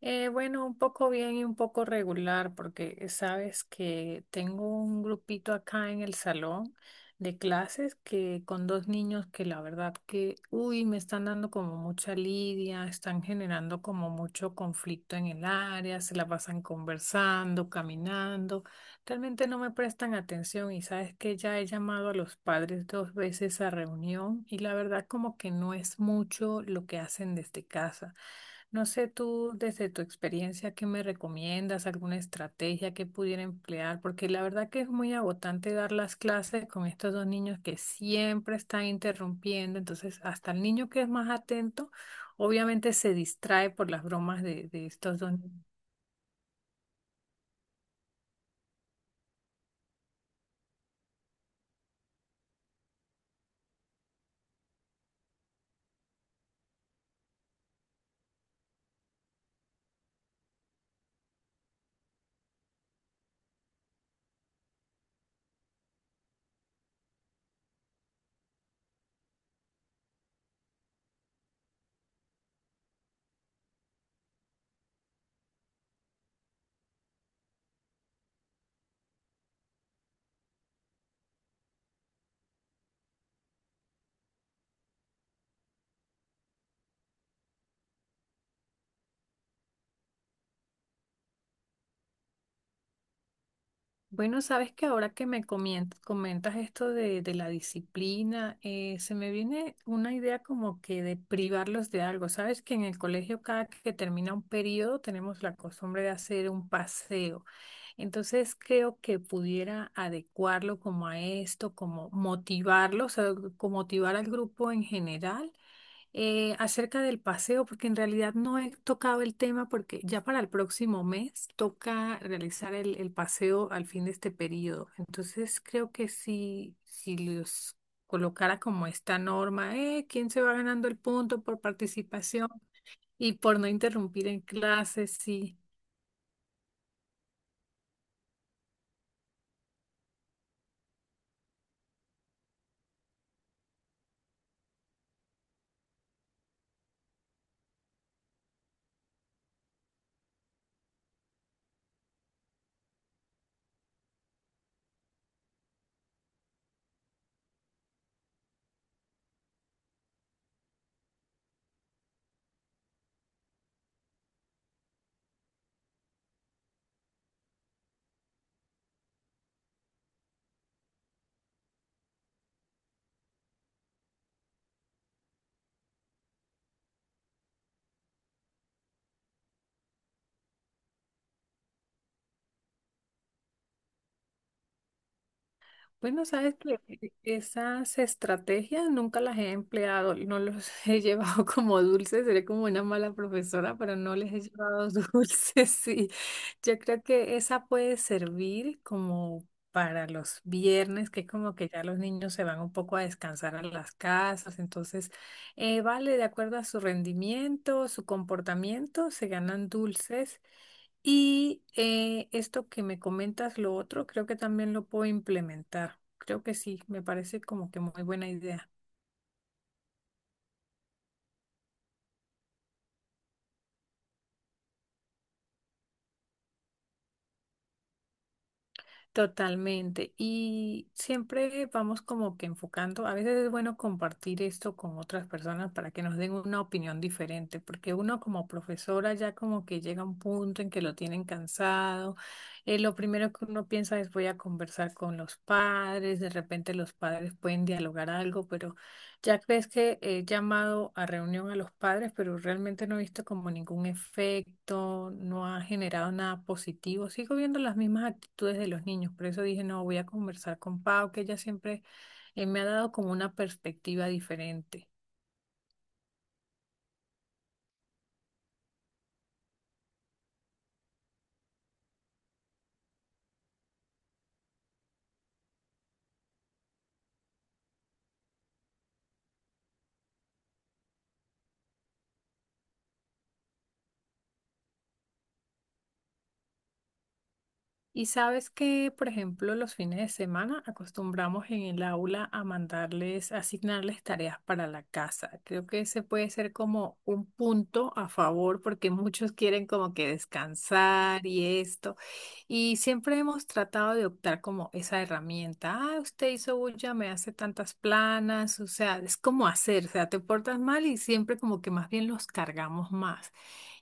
Bueno, un poco bien y un poco regular, porque sabes que tengo un grupito acá en el salón de clases que con dos niños que la verdad que, uy, me están dando como mucha lidia, están generando como mucho conflicto en el área, se la pasan conversando, caminando. Realmente no me prestan atención y sabes que ya he llamado a los padres dos veces a reunión y la verdad como que no es mucho lo que hacen desde casa. No sé tú desde tu experiencia qué me recomiendas, alguna estrategia que pudiera emplear, porque la verdad que es muy agotante dar las clases con estos dos niños que siempre están interrumpiendo, entonces hasta el niño que es más atento obviamente se distrae por las bromas de estos dos niños. Bueno, sabes que ahora que me comentas esto de la disciplina, se me viene una idea como que de privarlos de algo. Sabes que en el colegio cada que termina un periodo tenemos la costumbre de hacer un paseo. Entonces creo que pudiera adecuarlo como a esto, como motivarlos, o sea, como motivar al grupo en general acerca del paseo, porque en realidad no he tocado el tema, porque ya para el próximo mes toca realizar el paseo al fin de este periodo. Entonces creo que si los colocara como esta norma, ¿quién se va ganando el punto por participación y por no interrumpir en clases? Sí. Bueno, sabes que esas estrategias nunca las he empleado, no los he llevado como dulces, seré como una mala profesora, pero no les he llevado dulces, sí. Yo creo que esa puede servir como para los viernes, que como que ya los niños se van un poco a descansar a las casas, entonces, vale, de acuerdo a su rendimiento, su comportamiento, se ganan dulces. Y esto que me comentas, lo otro, creo que también lo puedo implementar. Creo que sí, me parece como que muy buena idea. Totalmente. Y siempre vamos como que enfocando, a veces es bueno compartir esto con otras personas para que nos den una opinión diferente, porque uno como profesora ya como que llega a un punto en que lo tienen cansado. Lo primero que uno piensa es voy a conversar con los padres, de repente los padres pueden dialogar algo, pero... Ya ves que he llamado a reunión a los padres, pero realmente no he visto como ningún efecto, no ha generado nada positivo. Sigo viendo las mismas actitudes de los niños, por eso dije, no, voy a conversar con Pau, que ella siempre me ha dado como una perspectiva diferente. Y sabes que, por ejemplo, los fines de semana acostumbramos en el aula a mandarles, a asignarles tareas para la casa. Creo que ese puede ser como un punto a favor porque muchos quieren como que descansar y esto. Y siempre hemos tratado de optar como esa herramienta. Ah, usted hizo bulla, me hace tantas planas. O sea, es como hacer, o sea, te portas mal y siempre como que más bien los cargamos más.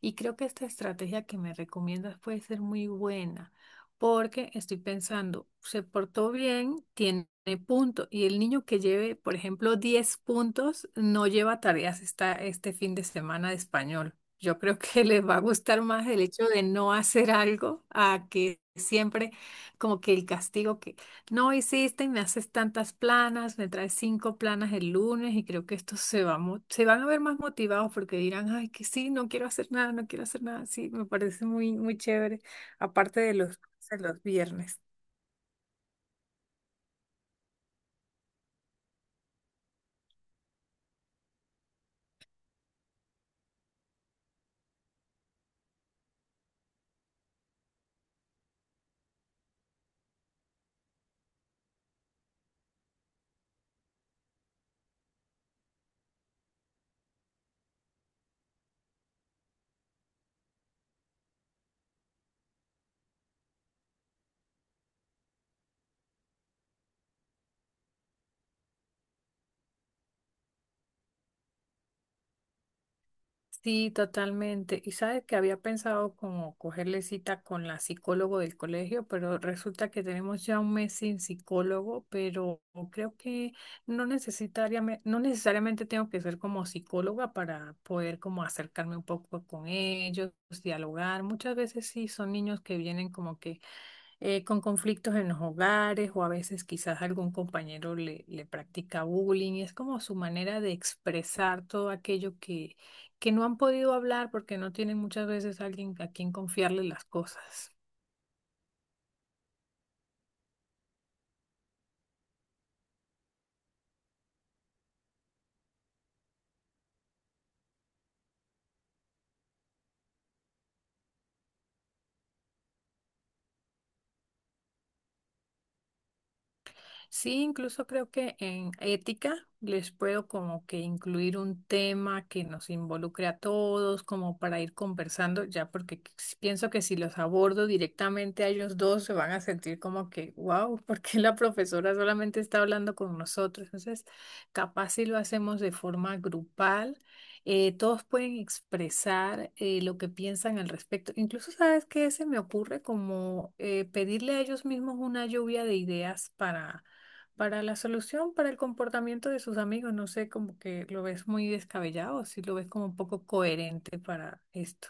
Y creo que esta estrategia que me recomiendas puede ser muy buena porque estoy pensando, se portó bien, tiene punto, y el niño que lleve, por ejemplo, 10 puntos, no lleva tareas este fin de semana de español. Yo creo que le va a gustar más el hecho de no hacer algo a que siempre como que el castigo que no hiciste, me haces tantas planas, me traes cinco planas el lunes y creo que estos se van a ver más motivados porque dirán, ay, que sí, no quiero hacer nada, no quiero hacer nada. Sí, me parece muy, muy chévere aparte de los viernes. Sí, totalmente. Y sabes que había pensado como cogerle cita con la psicólogo del colegio, pero resulta que tenemos ya un mes sin psicólogo, pero creo que no necesariamente tengo que ser como psicóloga para poder como acercarme un poco con ellos, dialogar. Muchas veces sí son niños que vienen como que con conflictos en los hogares o a veces quizás algún compañero le practica bullying. Y es como su manera de expresar todo aquello que no han podido hablar porque no tienen muchas veces alguien a quien confiarle las cosas. Sí, incluso creo que en ética les puedo como que incluir un tema que nos involucre a todos, como para ir conversando, ya porque pienso que si los abordo directamente a ellos dos se van a sentir como que, wow, ¿por qué la profesora solamente está hablando con nosotros? Entonces, capaz si lo hacemos de forma grupal, todos pueden expresar lo que piensan al respecto. Incluso, ¿sabes qué? Se me ocurre como pedirle a ellos mismos una lluvia de ideas para la solución, para el comportamiento de sus amigos, no sé, como que lo ves muy descabellado, si lo ves como un poco coherente para esto.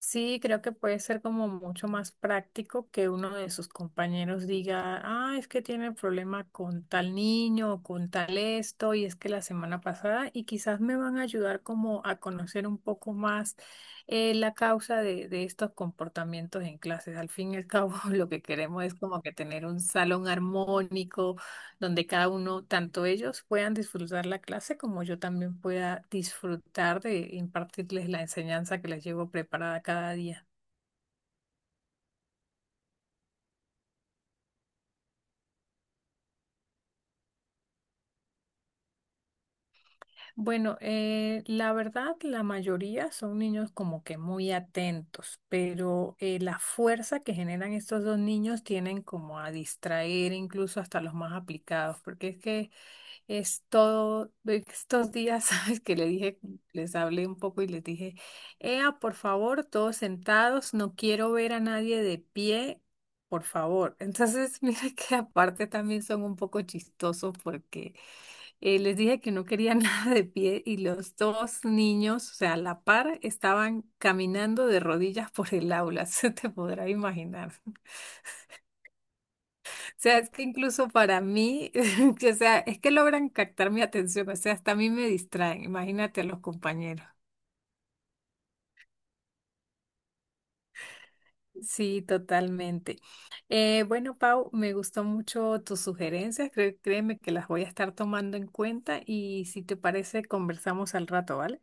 Sí, creo que puede ser como mucho más práctico que uno de sus compañeros diga, ah, es que tiene problema con tal niño o con tal esto, y es que la semana pasada, y quizás me van a ayudar como a conocer un poco más la causa de estos comportamientos en clases. Al fin y al cabo, lo que queremos es como que tener un salón armónico donde cada uno, tanto ellos puedan disfrutar la clase como yo también pueda disfrutar de impartirles la enseñanza que les llevo preparada cada día. Bueno, la verdad, la mayoría son niños como que muy atentos, pero la fuerza que generan estos dos niños tienen como a distraer incluso hasta los más aplicados, porque es que es todo, estos días, sabes que le dije, les hablé un poco y les dije, ea, por favor, todos sentados, no quiero ver a nadie de pie, por favor. Entonces, mira que aparte también son un poco chistosos porque les dije que no quería nada de pie y los dos niños, o sea, a la par, estaban caminando de rodillas por el aula, se te podrá imaginar. O sea, es que incluso para mí, que, o sea, es que logran captar mi atención, o sea, hasta a mí me distraen, imagínate a los compañeros. Sí, totalmente. Bueno, Pau, me gustó mucho tus sugerencias, créeme que las voy a estar tomando en cuenta y si te parece, conversamos al rato, ¿vale?